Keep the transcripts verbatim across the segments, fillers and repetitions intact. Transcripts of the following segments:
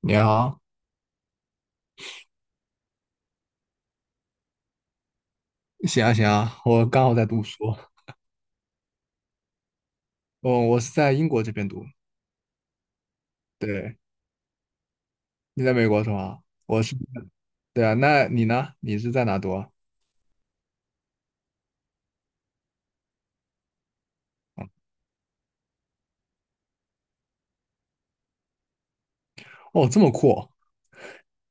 你好，行啊行啊，我刚好在读书。哦，我是在英国这边读。对，你在美国是吗？我是，对啊，那你呢？你是在哪读啊？哦，哦这么酷哦，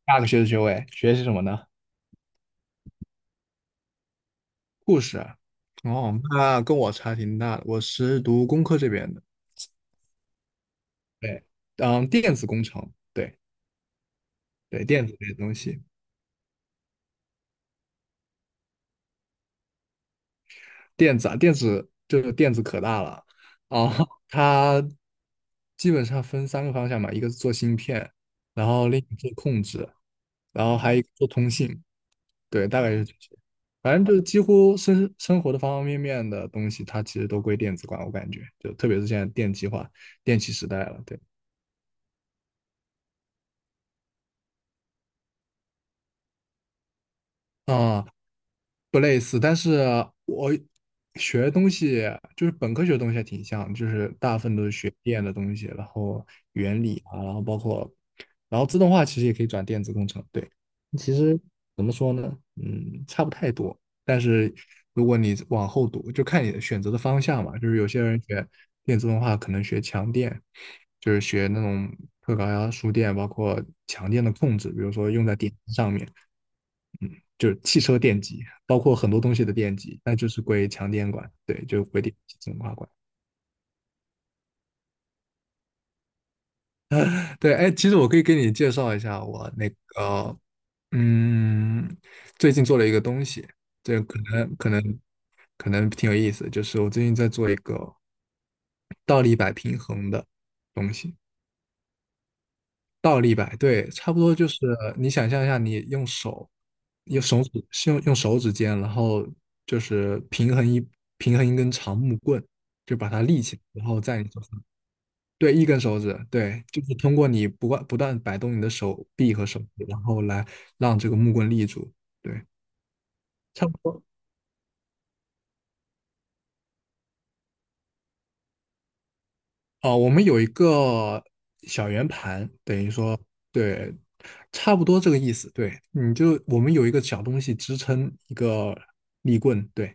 大个学士学位，学习什么呢？护士。哦，那跟我差挺大的，我是读工科这边的。对，嗯，电子工程。对对，电子这些东西。电子啊，电子就是电子可大了啊，它基本上分三个方向嘛，一个是做芯片，然后另一个做控制，然后还有一个做通信，对，大概就是这些。反正就是几乎生生活的方方面面的东西，它其实都归电子管，我感觉，就特别是现在电气化、电气时代了，对。啊，不类似，但是我学的东西就是本科学的东西还挺像，就是大部分都是学电的东西，然后原理啊，然后包括，然后自动化其实也可以转电子工程。对，其实怎么说呢，嗯，差不太多，但是如果你往后读，就看你选择的方向嘛，就是有些人学电自动化可能学强电，就是学那种特高压输电，包括强电的控制，比如说用在电机上面。嗯，就是汽车电机，包括很多东西的电机，那就是归强电管，对，就归电气净化管。对，哎，其实我可以给你介绍一下我那个，嗯，最近做了一个东西，这可能可能可能挺有意思，就是我最近在做一个倒立摆平衡的东西。倒立摆，对，差不多就是你想象一下，你用手，用手指，是用用手指尖，然后就是平衡一平衡一根长木棍，就把它立起来，然后在你手上。对，一根手指，对，就是通过你不断不断摆动你的手臂和手指，然后来让这个木棍立住，对，差不多。哦，我们有一个小圆盘，等于说，对，差不多这个意思。对，你就我们有一个小东西支撑一个立棍，对，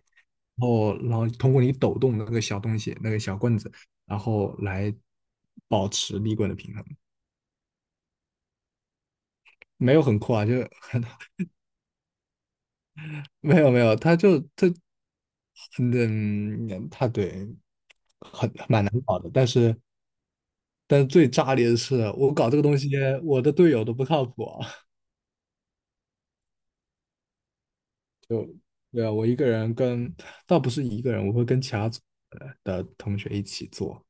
然后然后通过你抖动的那个小东西，那个小棍子，然后来保持立棍的平衡。没有很酷啊，就很 没有没有，它就它嗯，它对，好的。但是但是最炸裂的是，我搞这个东西，我的队友都不靠谱。对啊，我一个人跟，倒不是一个人，我会跟其他组呃的同学一起做。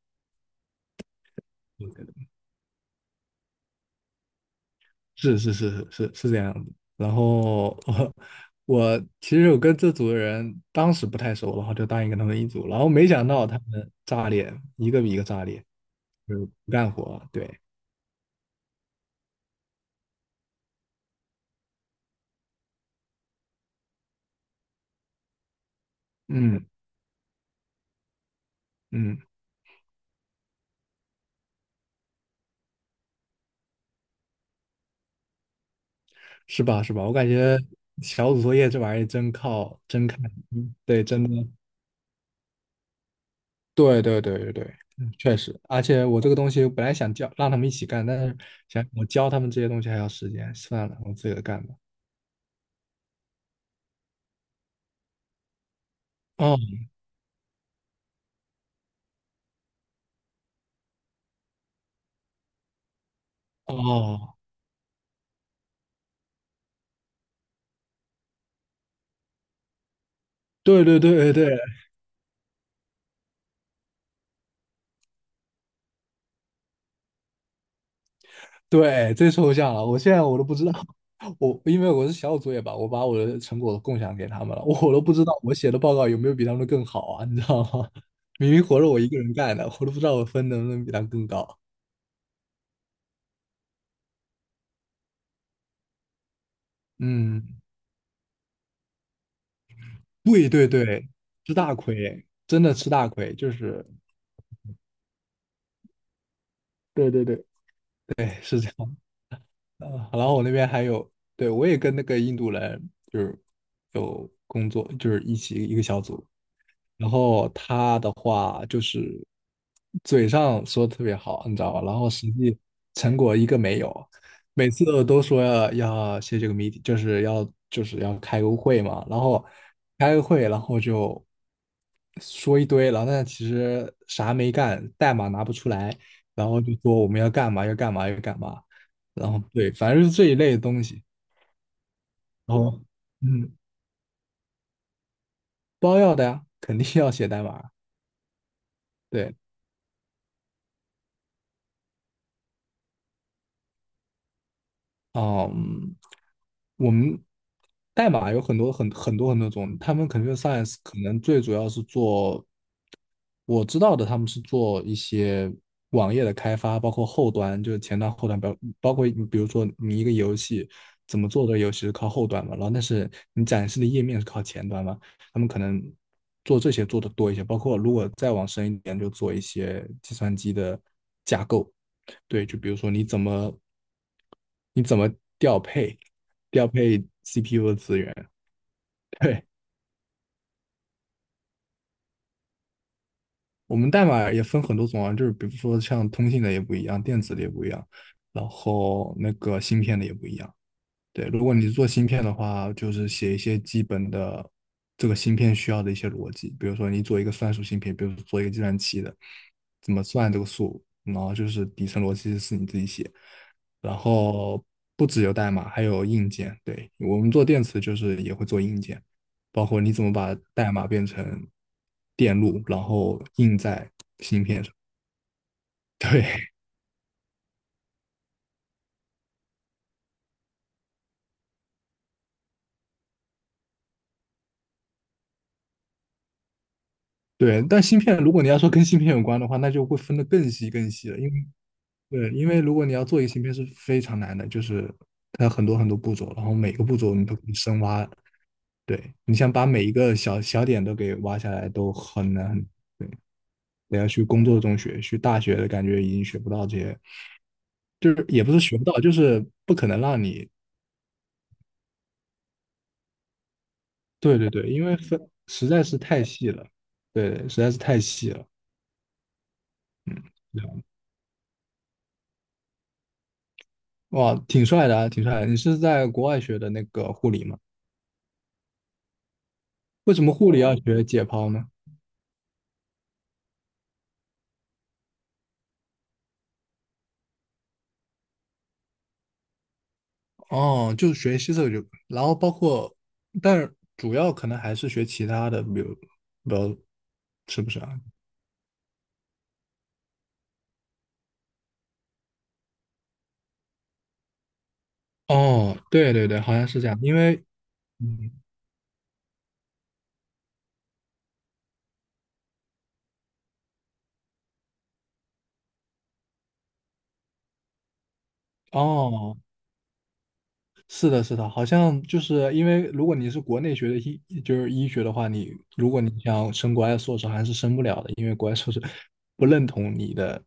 我觉得是是是是是是这样子。然后我我其实我跟这组的人当时不太熟，然后就答应跟他们一组，然后没想到他们炸裂，一个比一个炸裂，就是不干活。对，嗯嗯，是吧是吧？我感觉小组作业这玩意儿真靠真看，嗯对，真的。对对对对对，嗯确实，而且我这个东西本来想教让他们一起干，但是想我教他们这些东西还要时间，算了，我自己干吧。哦哦，对对对对对对，最抽象了，我现在我都不知道。我因为我是小组作业吧，我把我的成果共享给他们了，我都不知道我写的报告有没有比他们更好啊，你知道吗？明明活着我一个人干的，我都不知道我分能不能比他们更高。嗯，对对对，吃大亏，真的吃大亏，就是。对对对。对，是这样。呃，然后我那边还有，对，我也跟那个印度人就是有工作，就是一起一个小组，然后他的话就是嘴上说得特别好，你知道吧？然后实际成果一个没有，每次都说要要写这个谜 e， 就是要就是要开个会嘛，然后开个会，然后就说一堆，然后但其实啥没干，代码拿不出来，然后就说我们要干嘛要干嘛要干嘛，然后对，反正是这一类的东西。然后嗯，包要的呀，肯定要写代码，对。嗯，我们代码有很多很很多很多种，他们 c o m science 可能最主要是做我知道的，他们是做一些网页的开发，包括后端，就是前端、后端，包包括你比如说你一个游戏怎么做的游戏是靠后端嘛，然后但是你展示的页面是靠前端嘛，他们可能做这些做的多一些，包括如果再往深一点，就做一些计算机的架构。对，就比如说你怎么你怎么调配调配 C P U 的资源，对。我们代码也分很多种啊，就是比如说像通信的也不一样，电子的也不一样，然后那个芯片的也不一样。对，如果你是做芯片的话，就是写一些基本的这个芯片需要的一些逻辑，比如说你做一个算术芯片，比如说做一个计算器的，怎么算这个数，然后就是底层逻辑是你自己写，然后不只有代码，还有硬件。对，我们做电池就是也会做硬件，包括你怎么把代码变成电路，然后印在。对对，但芯片如果你要说跟芯片有关的话，那就会分得更细更细了，因为对，因为如果你要做一个芯片是非常难的，就是它很多很多步骤，然后每个步骤你都可以深挖。对，你想把每一个小小点都给挖下来都很难很对，得要去工作中学，去大学的感觉已经学不到这些，就是也不是学不到，就是不可能让你。对对对，因为分实在是太细了，对对，实在是太细了。对啊，哇，挺帅的啊，挺帅的。你是在国外学的那个护理吗？为什么护理要学解剖呢？哦，就学习这个就，然后包括，但是主要可能还是学其他的，比如，比如，是不是啊？哦，对对对，好像是这样，因为，嗯，哦，是的，是的，好像就是因为如果你是国内学的医，就是医学的话，你如果你想升国外硕士，还是升不了的，因为国外硕士不认同你的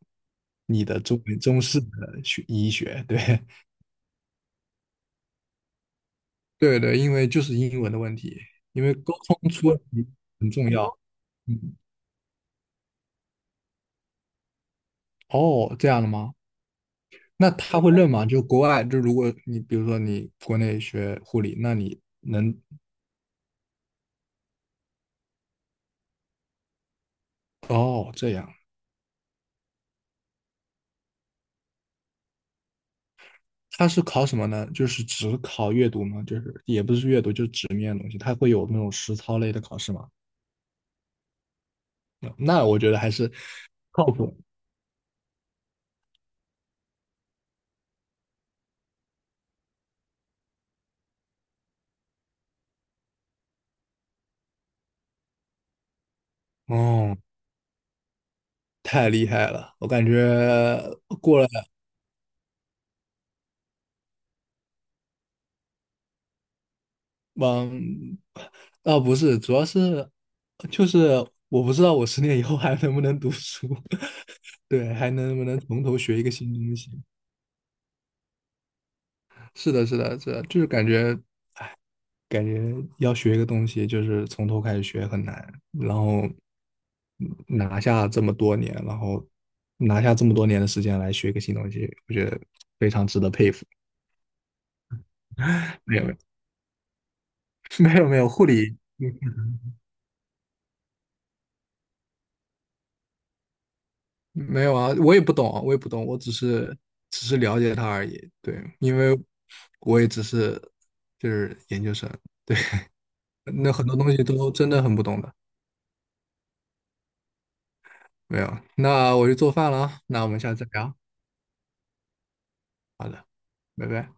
你的中中式的学医学，对。 对对，因为就是英文的问题，因为沟通出问题很重要。嗯，哦，这样的吗？那他会认吗？就国外，就如果你比如说你国内学护理，那你能。哦，这样，他是考什么呢？就是只考阅读吗？就是也不是阅读，就是纸面的东西，他会有那种实操类的考试吗？嗯那我觉得还是靠谱。哦，太厉害了，我感觉过了，嗯，啊不是，主要是就是我不知道我十年以后还能不能读书，对，还能不能从头学一个新东西。是的，是的，是的，就是感觉感觉要学一个东西，就是从头开始学很难，然后嗯拿下这么多年，然后拿下这么多年的时间来学一个新东西，我觉得非常值得佩服。没有，没有，没有，没有护理，嗯，没有啊，我也不懂啊，我也不懂，我只是只是了解它而已。对，因为我也只是就是研究生，那很多东西都真的很不懂的。没有，那我去做饭了啊，那我们下次再聊。好的，拜拜。